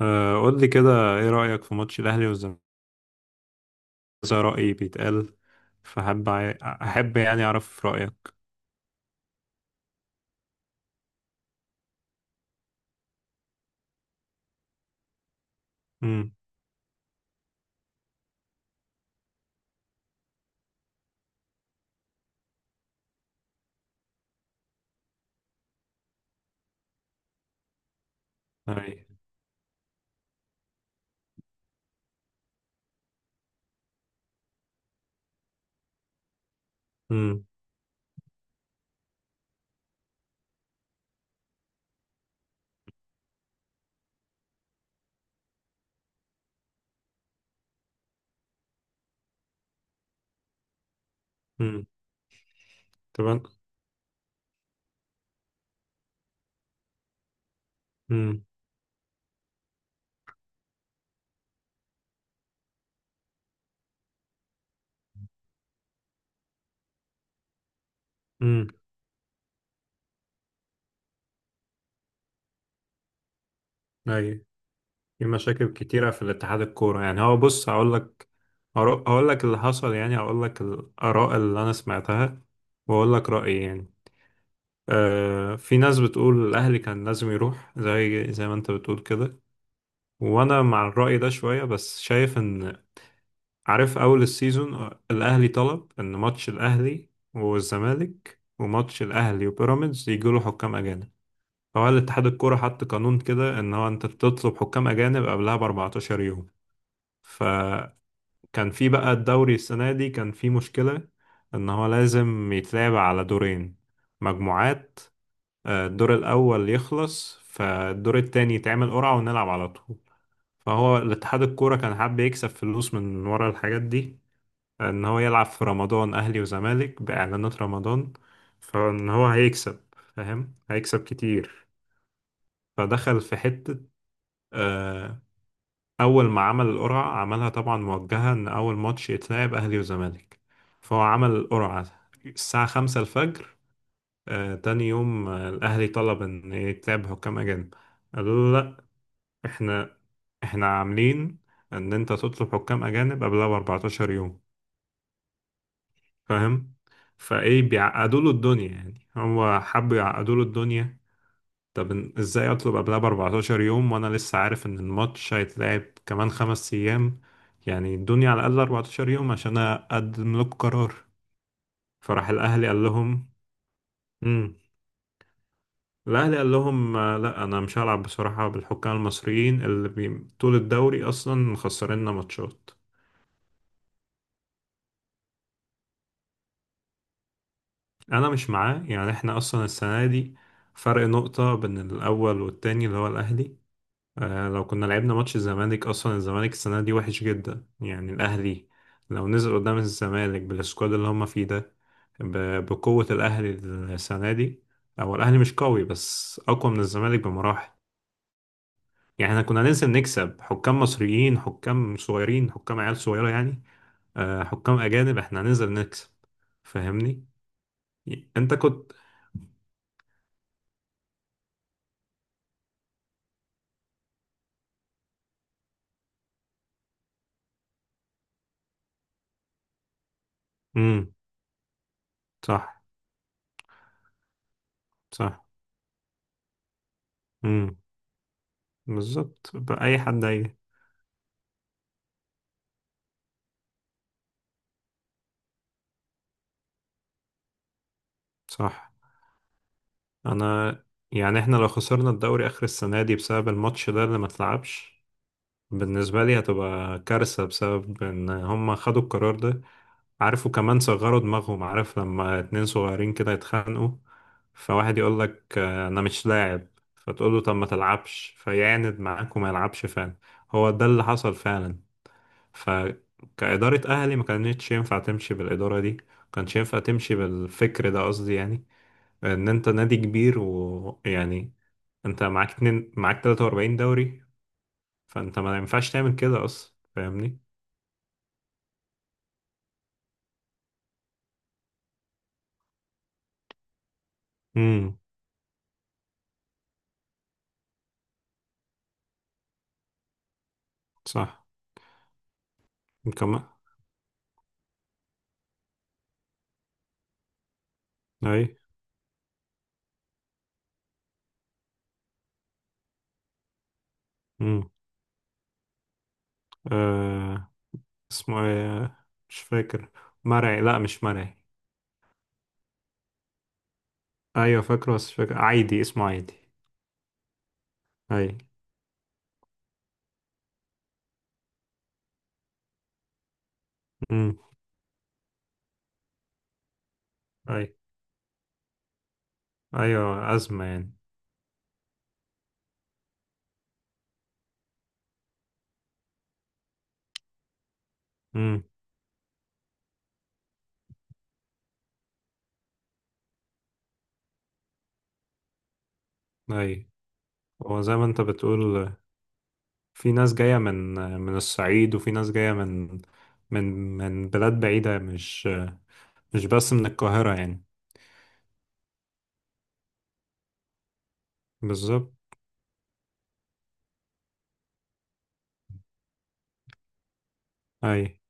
آه، قول لي كده، ايه رأيك في ماتش الاهلي والزمالك؟ زي رأيي بيتقال. فحب احب، يعني اعرف رأيك. امم. اي. امم. امم. طبعا. امم. امم. اي. في مشاكل كتيرة في الاتحاد الكورة، يعني هو بص، هقول لك. هقول لك اللي حصل يعني، هقول لك الآراء اللي انا سمعتها، واقول لك رأيي يعني. آه، في ناس بتقول الاهلي كان لازم يروح، زي ما انت بتقول كده، وانا مع الرأي ده شوية، بس شايف ان... عارف اول السيزون، آه، الاهلي طلب ان ماتش الاهلي والزمالك وماتش الاهلي وبيراميدز يجوا له حكام اجانب. فهو الاتحاد الكوره حط قانون كده، ان هو انت بتطلب حكام اجانب قبلها ب 14 يوم. فكان في بقى الدوري السنه دي كان في مشكله، ان هو لازم يتلعب على دورين مجموعات. آه، الدور الاول يخلص فالدور التاني يتعمل قرعه ونلعب على طول. فهو الاتحاد الكوره كان حابب يكسب فلوس من ورا الحاجات دي، ان هو يلعب في رمضان اهلي وزمالك باعلانات رمضان. فان هو هيكسب، فاهم، هيكسب كتير. فدخل في حتة. آه، اول ما عمل القرعة عملها طبعا موجهة، ان اول ماتش يتلعب اهلي وزمالك. فهو عمل القرعة الساعة خمسة الفجر. آه، تاني يوم، آه، الاهلي طلب ان يتلعب حكام اجانب. قالوا له لا، احنا عاملين ان انت تطلب حكام اجانب قبلها ب 14 يوم. فاهم. فايه بيعقدوا له الدنيا يعني، هو حب يعقدوا له الدنيا. طب ازاي اطلب قبلها ب 14 يوم وانا لسه عارف ان الماتش هيتلعب كمان خمس ايام؟ يعني ادوني على الاقل 14 يوم عشان اقدم لكم قرار. فراح الاهلي قال لهم... امم. الاهلي قال لهم، آه، لا انا مش هلعب بصراحه بالحكام المصريين اللي بي... طول الدوري اصلا مخسريننا ماتشات. انا مش معاه، يعني احنا اصلا السنه دي فرق نقطه بين الاول والتاني اللي هو الاهلي. آه، لو كنا لعبنا ماتش الزمالك، اصلا الزمالك السنه دي وحش جدا، يعني الاهلي لو نزل قدام الزمالك بالسكواد اللي هم فيه ده، بقوه الاهلي السنه دي، او الاهلي مش قوي بس اقوى من الزمالك بمراحل. يعني احنا كنا ننزل نكسب، حكام مصريين، حكام صغيرين، حكام عيال صغيره يعني. آه، حكام اجانب احنا هننزل نكسب. فاهمني. انت كنت... امم. صح. صح. امم. بالظبط، بأي حد هيجي. صح. انا، يعني احنا لو خسرنا الدوري اخر السنة دي بسبب الماتش ده اللي ما اتلعبش، بالنسبة لي هتبقى كارثة، بسبب ان هم خدوا القرار ده. عارفوا، كمان صغروا دماغهم. عارف لما اتنين صغيرين كده يتخانقوا، فواحد يقول لك آه، انا مش لاعب. فتقول له طب ما تلعبش، فيعاند معاك وما يلعبش فعلا. هو ده اللي حصل فعلا. فكإدارة اهلي ما كانتش ينفع تمشي بالإدارة دي، ما كانش ينفع تمشي بالفكر ده قصدي يعني. ان انت نادي كبير ويعني، انت معاك اتنين، معاك 43 دوري. فانت ما ينفعش تعمل كده اصلا، فاهمني. امم. صح. كمان. اي. امم. آه. اسمه ايه؟ مش فاكر. مرعي. لا مش مرعي. ايوه فاكره بس مش فاكر، عادي اسمه عادي. اي. امم. اي. ايوه، ازمه يعني. امم. اي. هو زي ما انت بتقول، في ناس جاية من الصعيد، وفي ناس جاية من من بلاد بعيدة، مش بس من القاهرة يعني. بالظبط. أي.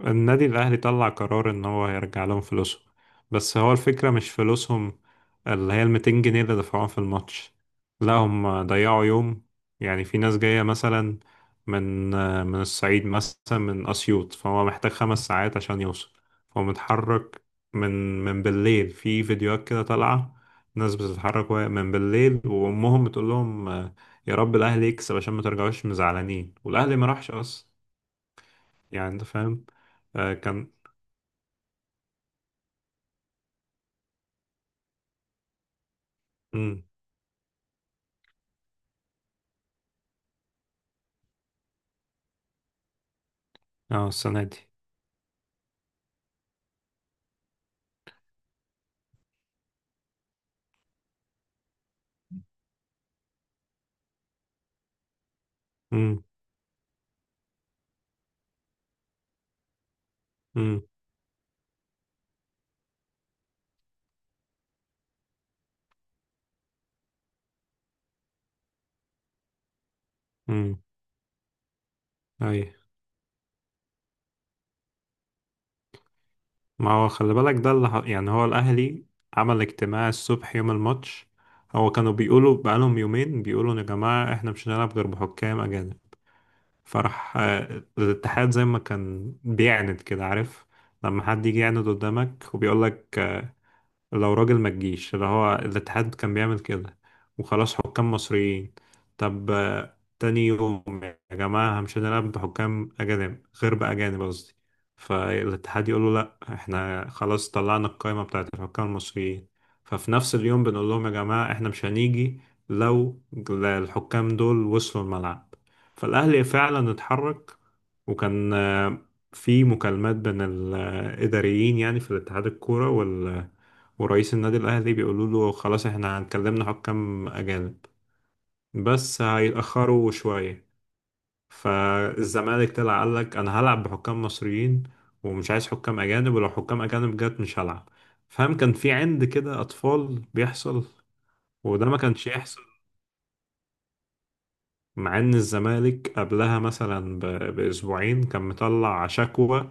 النادي الأهلي طلع قرار إن هو هيرجع لهم فلوسهم، بس هو الفكرة مش فلوسهم، اللي هي الميتين جنيه اللي دفعوهم في الماتش، لا هم ضيعوا يوم. يعني في ناس جاية مثلا، من الصعيد مثلا من أسيوط، فهو محتاج خمس ساعات عشان يوصل. فهو متحرك من بالليل. في فيديوهات كده طالعة، ناس بتتحرك من بالليل، وأمهم بتقول لهم، آه، يا رب الأهلي يكسب عشان ما ترجعوش مزعلانين، والأهلي ما راحش أصلا. يعني أنت فاهم. آه، كان... امم. اه السنة دي. امم. امم. امم. اي. ما هو خلي بالك ده اللي يعني هو الأهلي عمل اجتماع الصبح يوم الماتش. هو كانوا بيقولوا بقالهم يومين بيقولوا، يا جماعة احنا مش هنلعب غير بحكام أجانب. فراح، آه، الاتحاد زي ما كان بيعند كده، عارف، لما حد يجي يعند قدامك وبيقول لك آه، لو راجل ما تجيش. اللي هو الاتحاد كان بيعمل كده، وخلاص، حكام مصريين. طب آه، تاني يوم يا جماعة، مش هنلعب بحكام أجانب، غير بأجانب قصدي. فالاتحاد يقول له لأ، احنا خلاص طلعنا القائمة بتاعت الحكام المصريين. ففي نفس اليوم بنقول لهم يا جماعة احنا مش هنيجي، لو الحكام دول وصلوا الملعب. فالأهلي فعلا اتحرك، وكان، آه، في مكالمات بين الإداريين يعني في الاتحاد الكورة ورئيس النادي الأهلي، بيقولوا له خلاص احنا هنكلمنا حكام أجانب بس هيتأخروا شوية. فالزمالك طلع قال لك أنا هلعب بحكام مصريين ومش عايز حكام أجانب، ولو حكام أجانب جت مش هلعب. فاهم، كان في عند كده، أطفال بيحصل. وده ما كانش يحصل، مع إن الزمالك قبلها مثلا بأسبوعين كان مطلع شكوى.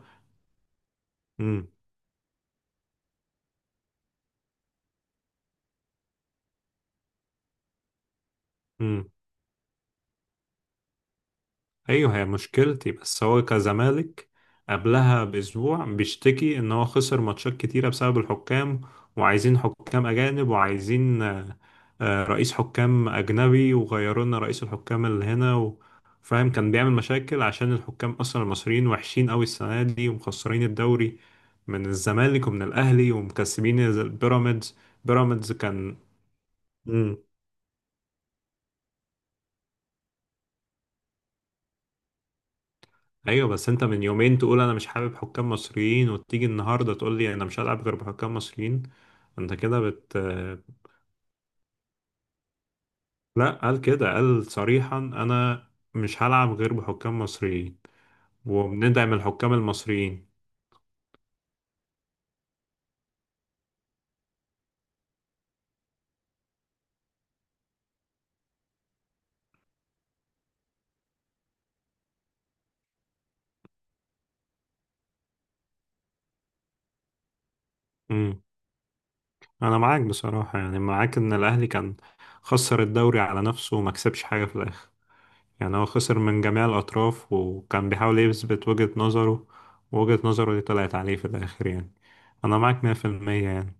مم. ايوه هي مشكلتي، بس هو كزمالك قبلها باسبوع بيشتكي ان هو خسر ماتشات كتيره بسبب الحكام، وعايزين حكام اجانب، وعايزين رئيس حكام اجنبي، وغيروا لنا رئيس الحكام اللي هنا و... فاهم، كان بيعمل مشاكل، عشان الحكام اصلا المصريين وحشين قوي السنه دي ومخسرين الدوري من الزمالك ومن الاهلي، ومكسبين البيراميدز. بيراميدز كان... ايوه، بس انت من يومين تقول انا مش حابب حكام مصريين، وتيجي النهارده تقول لي انا مش هلعب غير بحكام مصريين. انت كده بت... لا قال كده، قال صريحا، انا مش هلعب غير بحكام مصريين وبندعم الحكام المصريين. امم. انا معاك بصراحه، يعني معاك ان الاهلي كان خسر الدوري على نفسه، وما كسبش حاجه في الاخر. يعني هو خسر من جميع الاطراف، وكان بيحاول يثبت وجهه نظره، ووجهه نظره دي طلعت عليه في الاخر يعني. انا معاك 100% يعني.